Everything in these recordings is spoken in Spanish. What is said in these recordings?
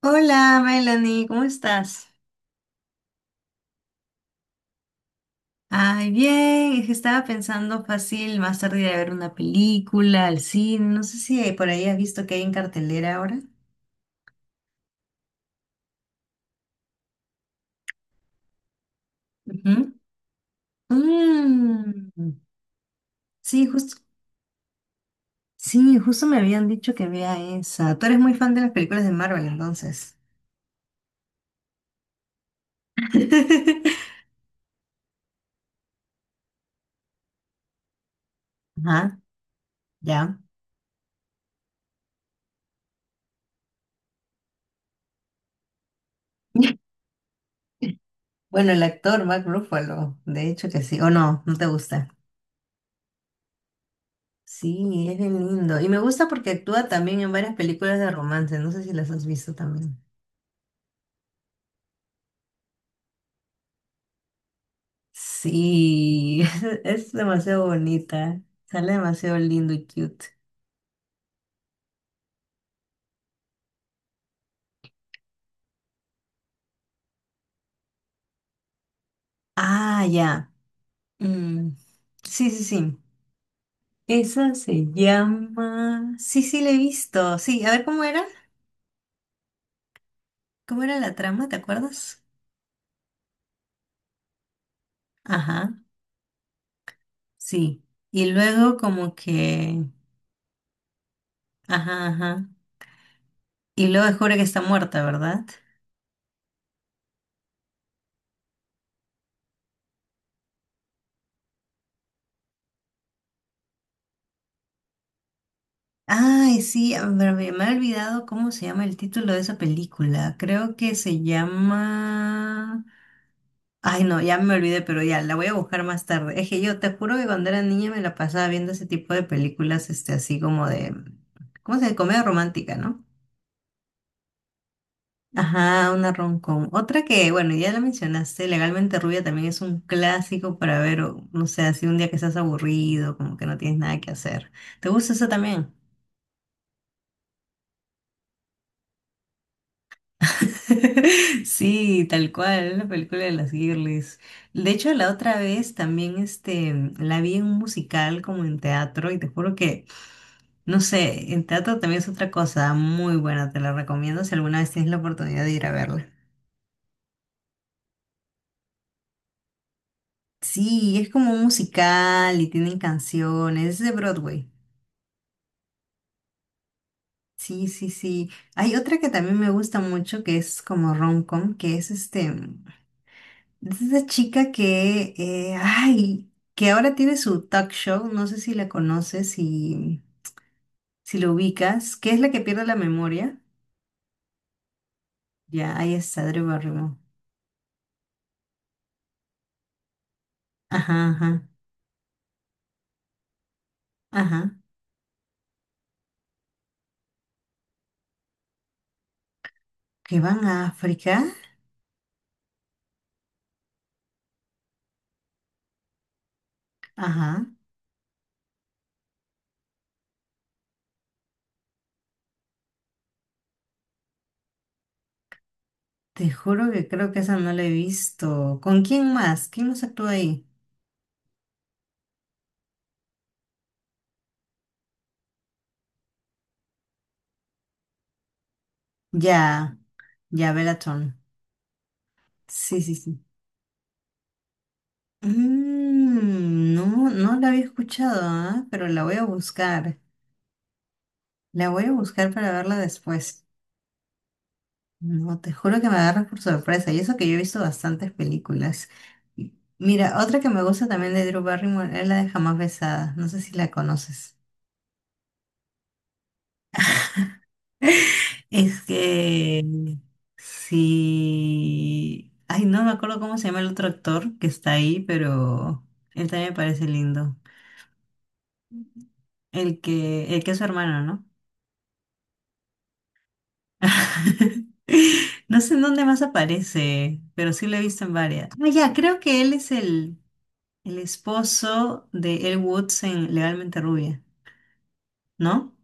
Hola, Melanie, ¿cómo estás? Ay, bien, es que estaba pensando fácil más tarde ir a ver una película, al cine, no sé si por ahí has visto que hay en cartelera ahora. Ujú. Mm, sí, justo, sí, justo me habían dicho que vea esa. Tú eres muy fan de las películas de Marvel, entonces. Ajá, ya. Bueno, el actor Mark Ruffalo, de hecho que sí, o no, no te gusta. Sí, es bien lindo. Y me gusta porque actúa también en varias películas de romance. No sé si las has visto también. Sí, es demasiado bonita. Sale demasiado lindo y cute. Ah, ya. Mm, sí, sí, sí. Esa se llama... Sí, sí, la he visto. Sí, a ver cómo era. ¿Cómo era la trama? ¿Te acuerdas? Ajá, sí. Y luego como que... Ajá, ajá. Y luego descubre que está muerta, ¿verdad? Ay, sí, a ver, me he olvidado cómo se llama el título de esa película. Creo que se llama... Ay, no, ya me olvidé, pero ya, la voy a buscar más tarde. Es que yo te juro que cuando era niña me la pasaba viendo ese tipo de películas, este, así como de... ¿Cómo se dice? Comedia romántica, ¿no? Ajá, una rom-com. Otra que, bueno, ya la mencionaste, Legalmente Rubia también es un clásico para ver, o, no sé, así un día que estás aburrido, como que no tienes nada que hacer. ¿Te gusta eso también? Sí, tal cual, la película de las girlies. De hecho, la otra vez también este, la vi en un musical como en teatro y te juro que, no sé, en teatro también es otra cosa muy buena, te la recomiendo si alguna vez tienes la oportunidad de ir a verla. Sí, es como un musical y tienen canciones, es de Broadway. Sí, sí, sí. Hay otra que también me gusta mucho que es como rom-com, que es este, es esa chica que, ay, que ahora tiene su talk show, no sé si la conoces, si, si lo ubicas, que es la que pierde la memoria. Ya, ahí está, Drew Barrymore. Ajá, ajá, ajá. Que van a África. Ajá. Te juro que creo que esa no la he visto. ¿Con quién más? ¿Quién más actúa ahí? Ya, ya, Belatón. Sí, sí, sí. Mm, no, no la había escuchado, ah, pero la voy a buscar. La voy a buscar para verla después. No, te juro que me agarras por sorpresa, y eso que yo he visto bastantes películas. Y mira, otra que me gusta también de Drew Barrymore es la de Jamás Besada, no sé si la conoces. Es que sí. Ay, no me acuerdo cómo se llama el otro actor que está ahí, pero él también me parece lindo. El que es su hermano, ¿no? No sé en dónde más aparece, pero sí lo he visto en varias. Ah, ya, creo que él es el. El esposo de Elle Woods en Legalmente Rubia, ¿no?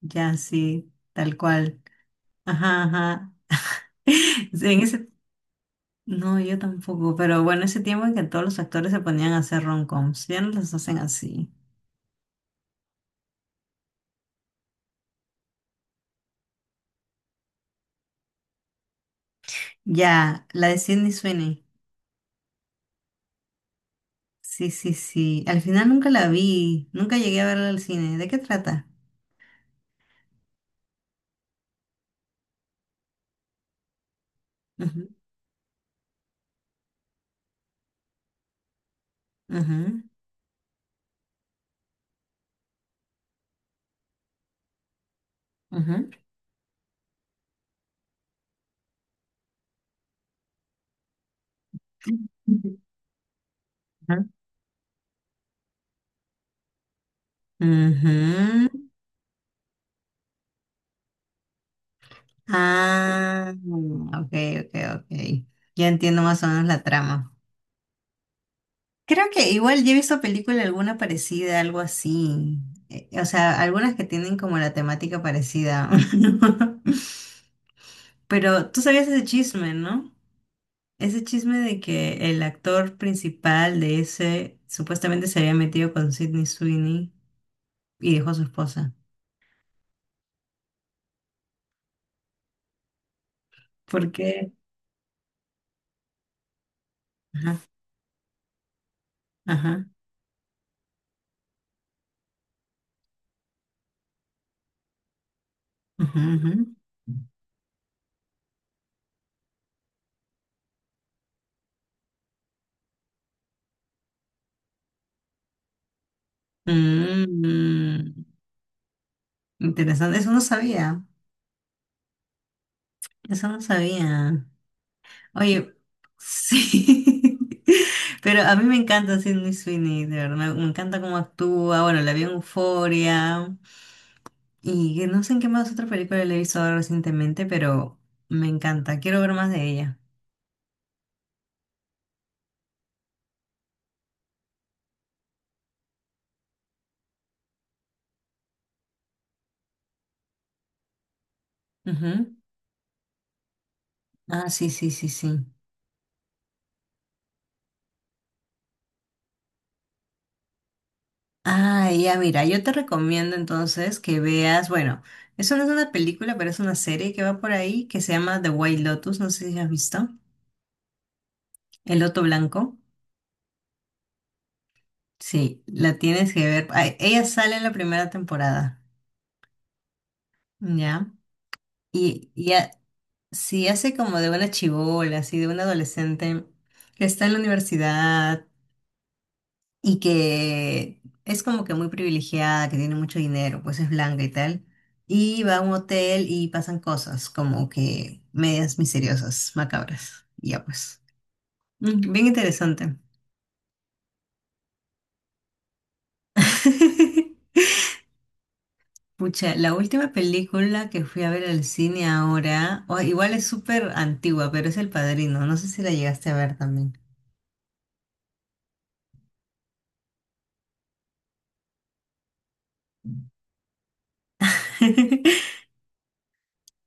Ya, sí, tal cual. Ajá, ajá. En ese... No, yo tampoco, pero bueno, ese tiempo en que todos los actores se ponían a hacer rom-coms, ya no las hacen así. Ya, la de Sydney Sweeney. Sí, sí, sí. Al final nunca la vi, nunca llegué a verla al cine. ¿De qué trata? Ujú, ujú, ujú, ujú, ujú. Ah, ok, ok, ok. Ya entiendo más o menos la trama. Creo que igual yo he visto película alguna parecida, algo así. O sea, algunas que tienen como la temática parecida. Pero tú sabías ese chisme, ¿no? Ese chisme de que el actor principal de ese supuestamente se había metido con Sidney Sweeney y dejó a su esposa. ¿Por qué? Ajá, ajá, ajá, ajá. Mm, interesante, eso no sabía. Eso no sabía. Oye, sí. Pero a mí me encanta Sydney Sweeney, de verdad. Me encanta cómo actúa. Bueno, la vi en Euphoria. Y que no sé en qué más otra película le he visto ahora recientemente, pero me encanta. Quiero ver más de ella. Ujú. Ah, sí, sí, sí, sí. Ah, ya, mira, yo te recomiendo entonces que veas, bueno, eso no es una película, pero es una serie que va por ahí que se llama The White Lotus. No sé si has visto. El Loto Blanco. Sí, la tienes que ver. Ay, ella sale en la primera temporada, ¿ya? Y, y ha- sí hace como de una chibola, así de una adolescente que está en la universidad y que es como que muy privilegiada, que tiene mucho dinero, pues es blanca y tal. Y va a un hotel y pasan cosas como que medias misteriosas, macabras. Y ya pues. Mm, bien interesante. Pucha, la última película que fui a ver al cine ahora, o- igual es súper antigua, pero es El Padrino. No sé si la llegaste a ver también.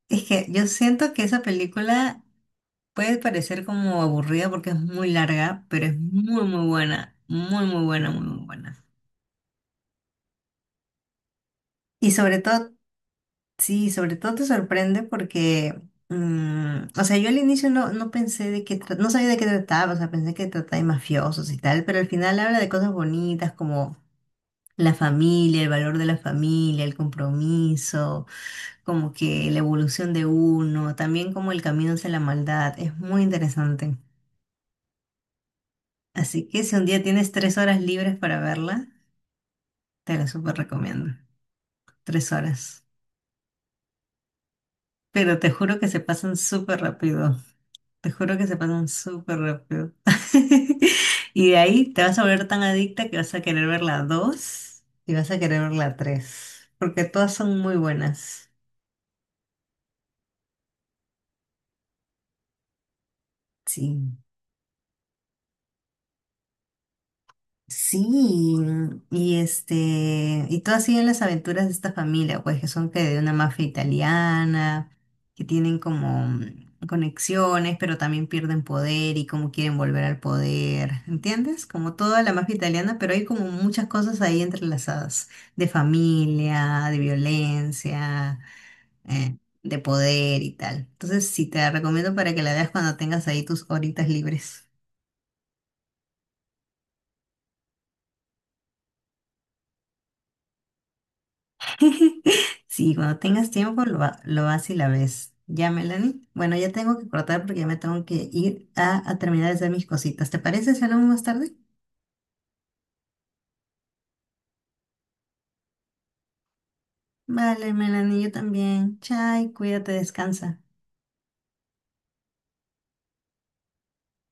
Es que yo siento que esa película puede parecer como aburrida porque es muy larga, pero es muy, muy buena. Muy, muy buena, muy, muy buena. Y sobre todo, sí, sobre todo te sorprende porque, o sea, yo al inicio no, no pensé de qué, no sabía de qué trataba, o sea, pensé que trataba de mafiosos y tal, pero al final habla de cosas bonitas como la familia, el valor de la familia, el compromiso, como que la evolución de uno, también como el camino hacia la maldad, es muy interesante. Así que si un día tienes 3 horas libres para verla, te la súper recomiendo. 3 horas. Pero te juro que se pasan súper rápido. Te juro que se pasan súper rápido. Y de ahí te vas a volver tan adicta que vas a querer ver la dos y vas a querer ver la tres. Porque todas son muy buenas. Sí. Sí, y este, y todo así en las aventuras de esta familia, pues que son que de una mafia italiana, que tienen como conexiones, pero también pierden poder y cómo quieren volver al poder, ¿entiendes? Como toda la mafia italiana, pero hay como muchas cosas ahí entrelazadas, de familia, de violencia, eh, de poder y tal. Entonces, sí, te la recomiendo para que la veas cuando tengas ahí tus horitas libres. Sí, cuando tengas tiempo lo, lo vas y la ves. Ya, Melanie. Bueno, ya tengo que cortar porque ya me tengo que ir a terminar de hacer mis cositas. ¿Te parece si hablamos más tarde? Vale, Melanie, yo también. Chai, cuídate, descansa.